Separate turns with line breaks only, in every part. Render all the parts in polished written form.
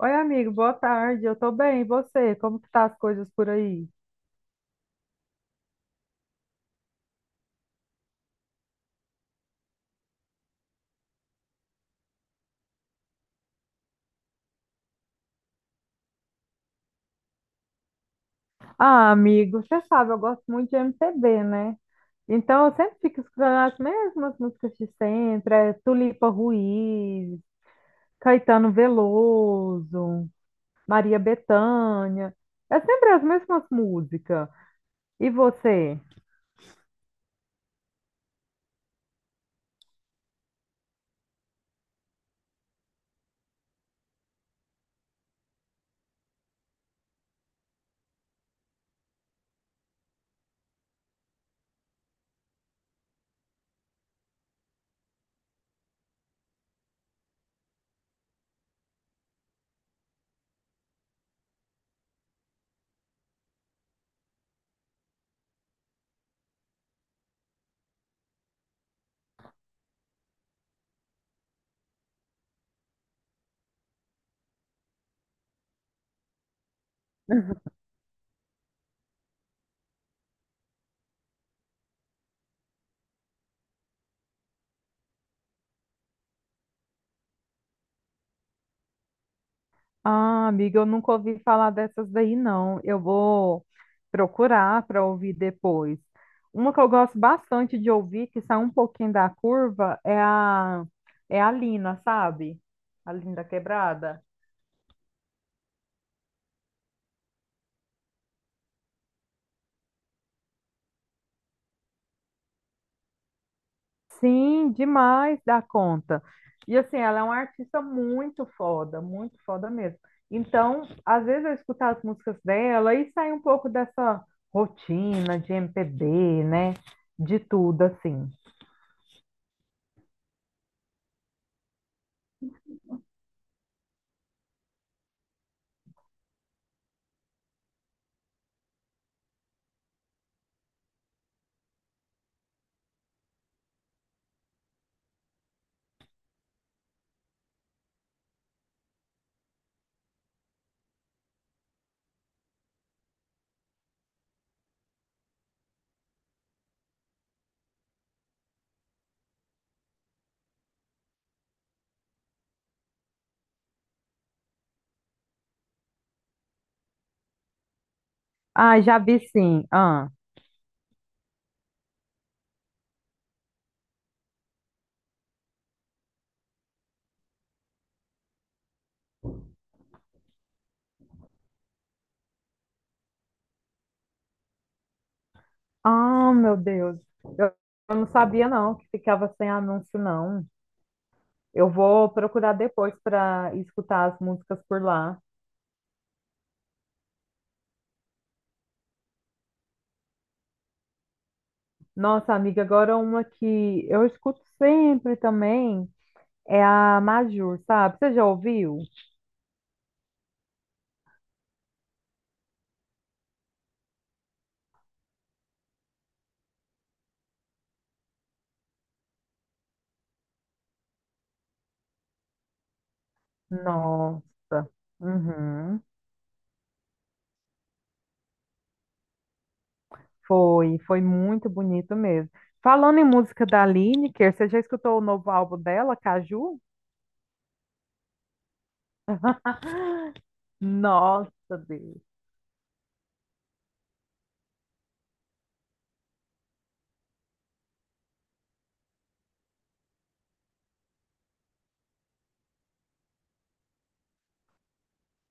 Oi, amigo, boa tarde. Eu tô bem, e você? Como que tá as coisas por aí? Ah, amigo, você sabe, eu gosto muito de MPB, né? Então eu sempre fico escutando as mesmas músicas de sempre, é Tulipa Ruiz, Caetano Veloso, Maria Bethânia. É sempre as mesmas músicas. E você? Ah, amiga, eu nunca ouvi falar dessas daí, não. Eu vou procurar para ouvir depois. Uma que eu gosto bastante de ouvir, que sai um pouquinho da curva, é a Lina, sabe? A Linda Quebrada. Sim, demais da conta. E assim, ela é uma artista muito foda mesmo. Então, às vezes eu escuto as músicas dela e sai um pouco dessa rotina de MPB, né? De tudo, assim. Ah, já vi sim. Ah, meu Deus. Eu, não sabia não que ficava sem anúncio não. Eu vou procurar depois para escutar as músicas por lá. Nossa, amiga, agora uma que eu escuto sempre também é a Majur, sabe? Você já ouviu? Nossa. Uhum. Foi muito bonito mesmo. Falando em música da Lineker, você já escutou o novo álbum dela, Caju? Nossa, Deus.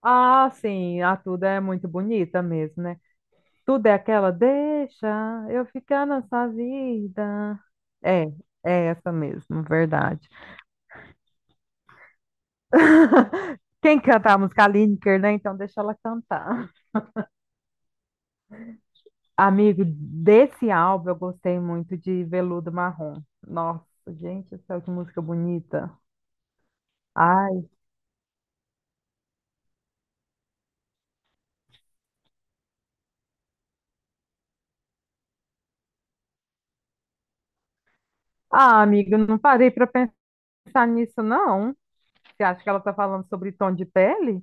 Ah, sim, a Tuda é muito bonita mesmo, né? Tudo é aquela, deixa eu ficar nessa vida. É, é essa mesmo, verdade. Quem canta a música? A Lineker, né? Então deixa ela cantar. Amigo, desse álbum eu gostei muito de Veludo Marrom. Nossa, gente, do céu, que música bonita. Ai, amigo, não parei para pensar nisso, não. Você acha que ela tá falando sobre tom de pele?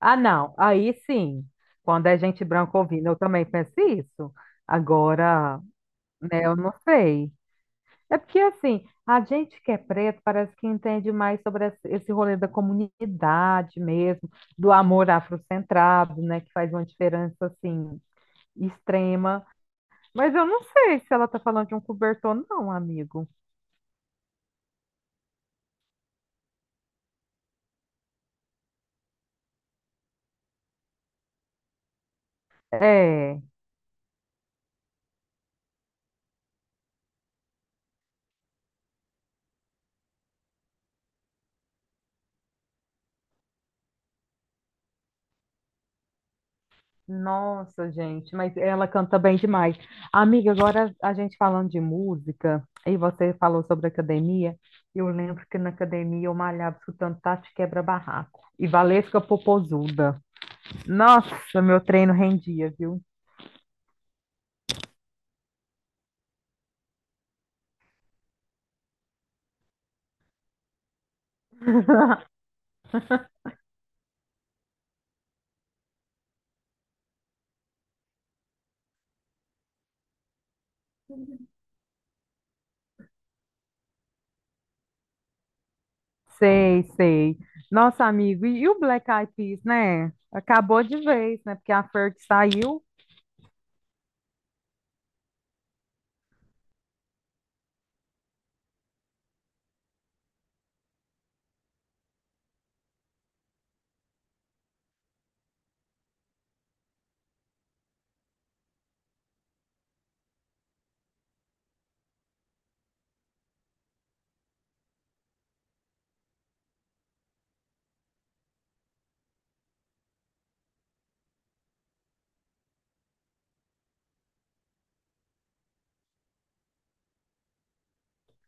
Ah, não. Aí sim. Quando é gente branca ouvindo, eu também penso isso. Agora, né, eu não sei. É porque, assim, a gente que é preto parece que entende mais sobre esse rolê da comunidade mesmo, do amor afrocentrado, né, que faz uma diferença, assim, extrema. Mas eu não sei se ela tá falando de um cobertor, não, amigo. É. Nossa, gente, mas ela canta bem demais. Amiga, agora a gente falando de música, e você falou sobre academia, eu lembro que na academia eu malhava escutando Tati Quebra-Barraco e Valesca Popozuda. Nossa, meu treino rendia, viu? Sei, sei. Nossa, amigo, e o Black Eyed Peas, né? Acabou de vez, né? Porque a Ferg saiu.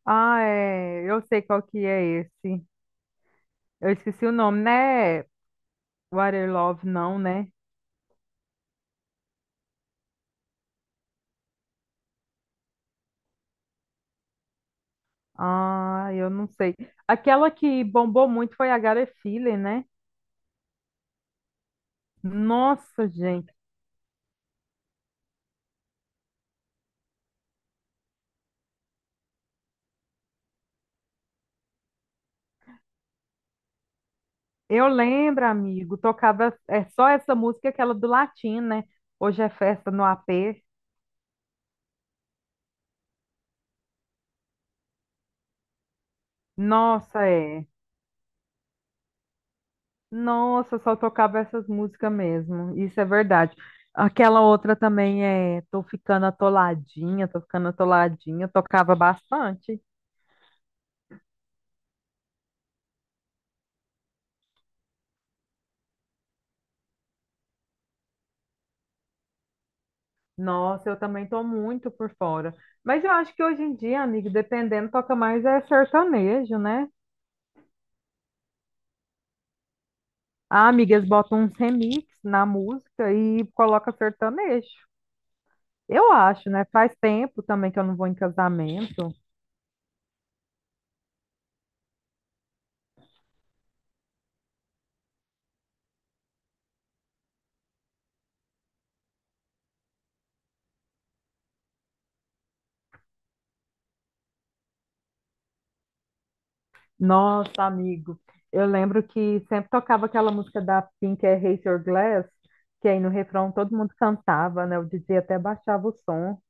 Ah, é, eu sei qual que é esse. Eu esqueci o nome, né? Water Love, não, né? Ah, eu não sei. Aquela que bombou muito foi a Gary Filler, né? Nossa, gente. Eu lembro, amigo, tocava é só essa música, aquela do latim, né? Hoje é festa no AP. Nossa, é. Nossa, só tocava essas músicas mesmo. Isso é verdade. Aquela outra também é tô ficando atoladinha, tô ficando atoladinha, tocava bastante. Nossa, eu também tô muito por fora. Mas eu acho que hoje em dia, amigo, dependendo, toca mais é sertanejo, né? Ah, amigas botam uns remix na música e coloca sertanejo. Eu acho, né? Faz tempo também que eu não vou em casamento. Nossa, amigo, eu lembro que sempre tocava aquela música da Pink, é Raise Your Glass, que aí no refrão todo mundo cantava, né? O DJ até baixava o som.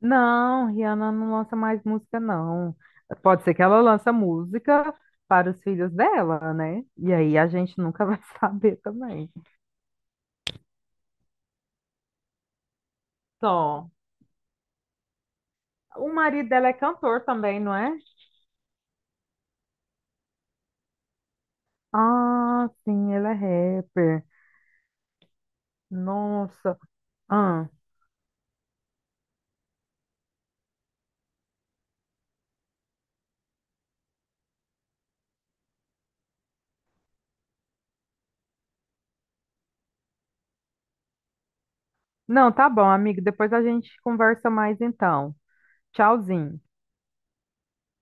Não, Rihanna não lança mais música, não. Pode ser que ela lança música para os filhos dela, né? E aí a gente nunca vai saber também. Só. O marido dela é cantor também, não é? Ah, sim, ele é rapper. Nossa. Ah. Não, tá bom, amigo. Depois a gente conversa mais então. Tchauzinho.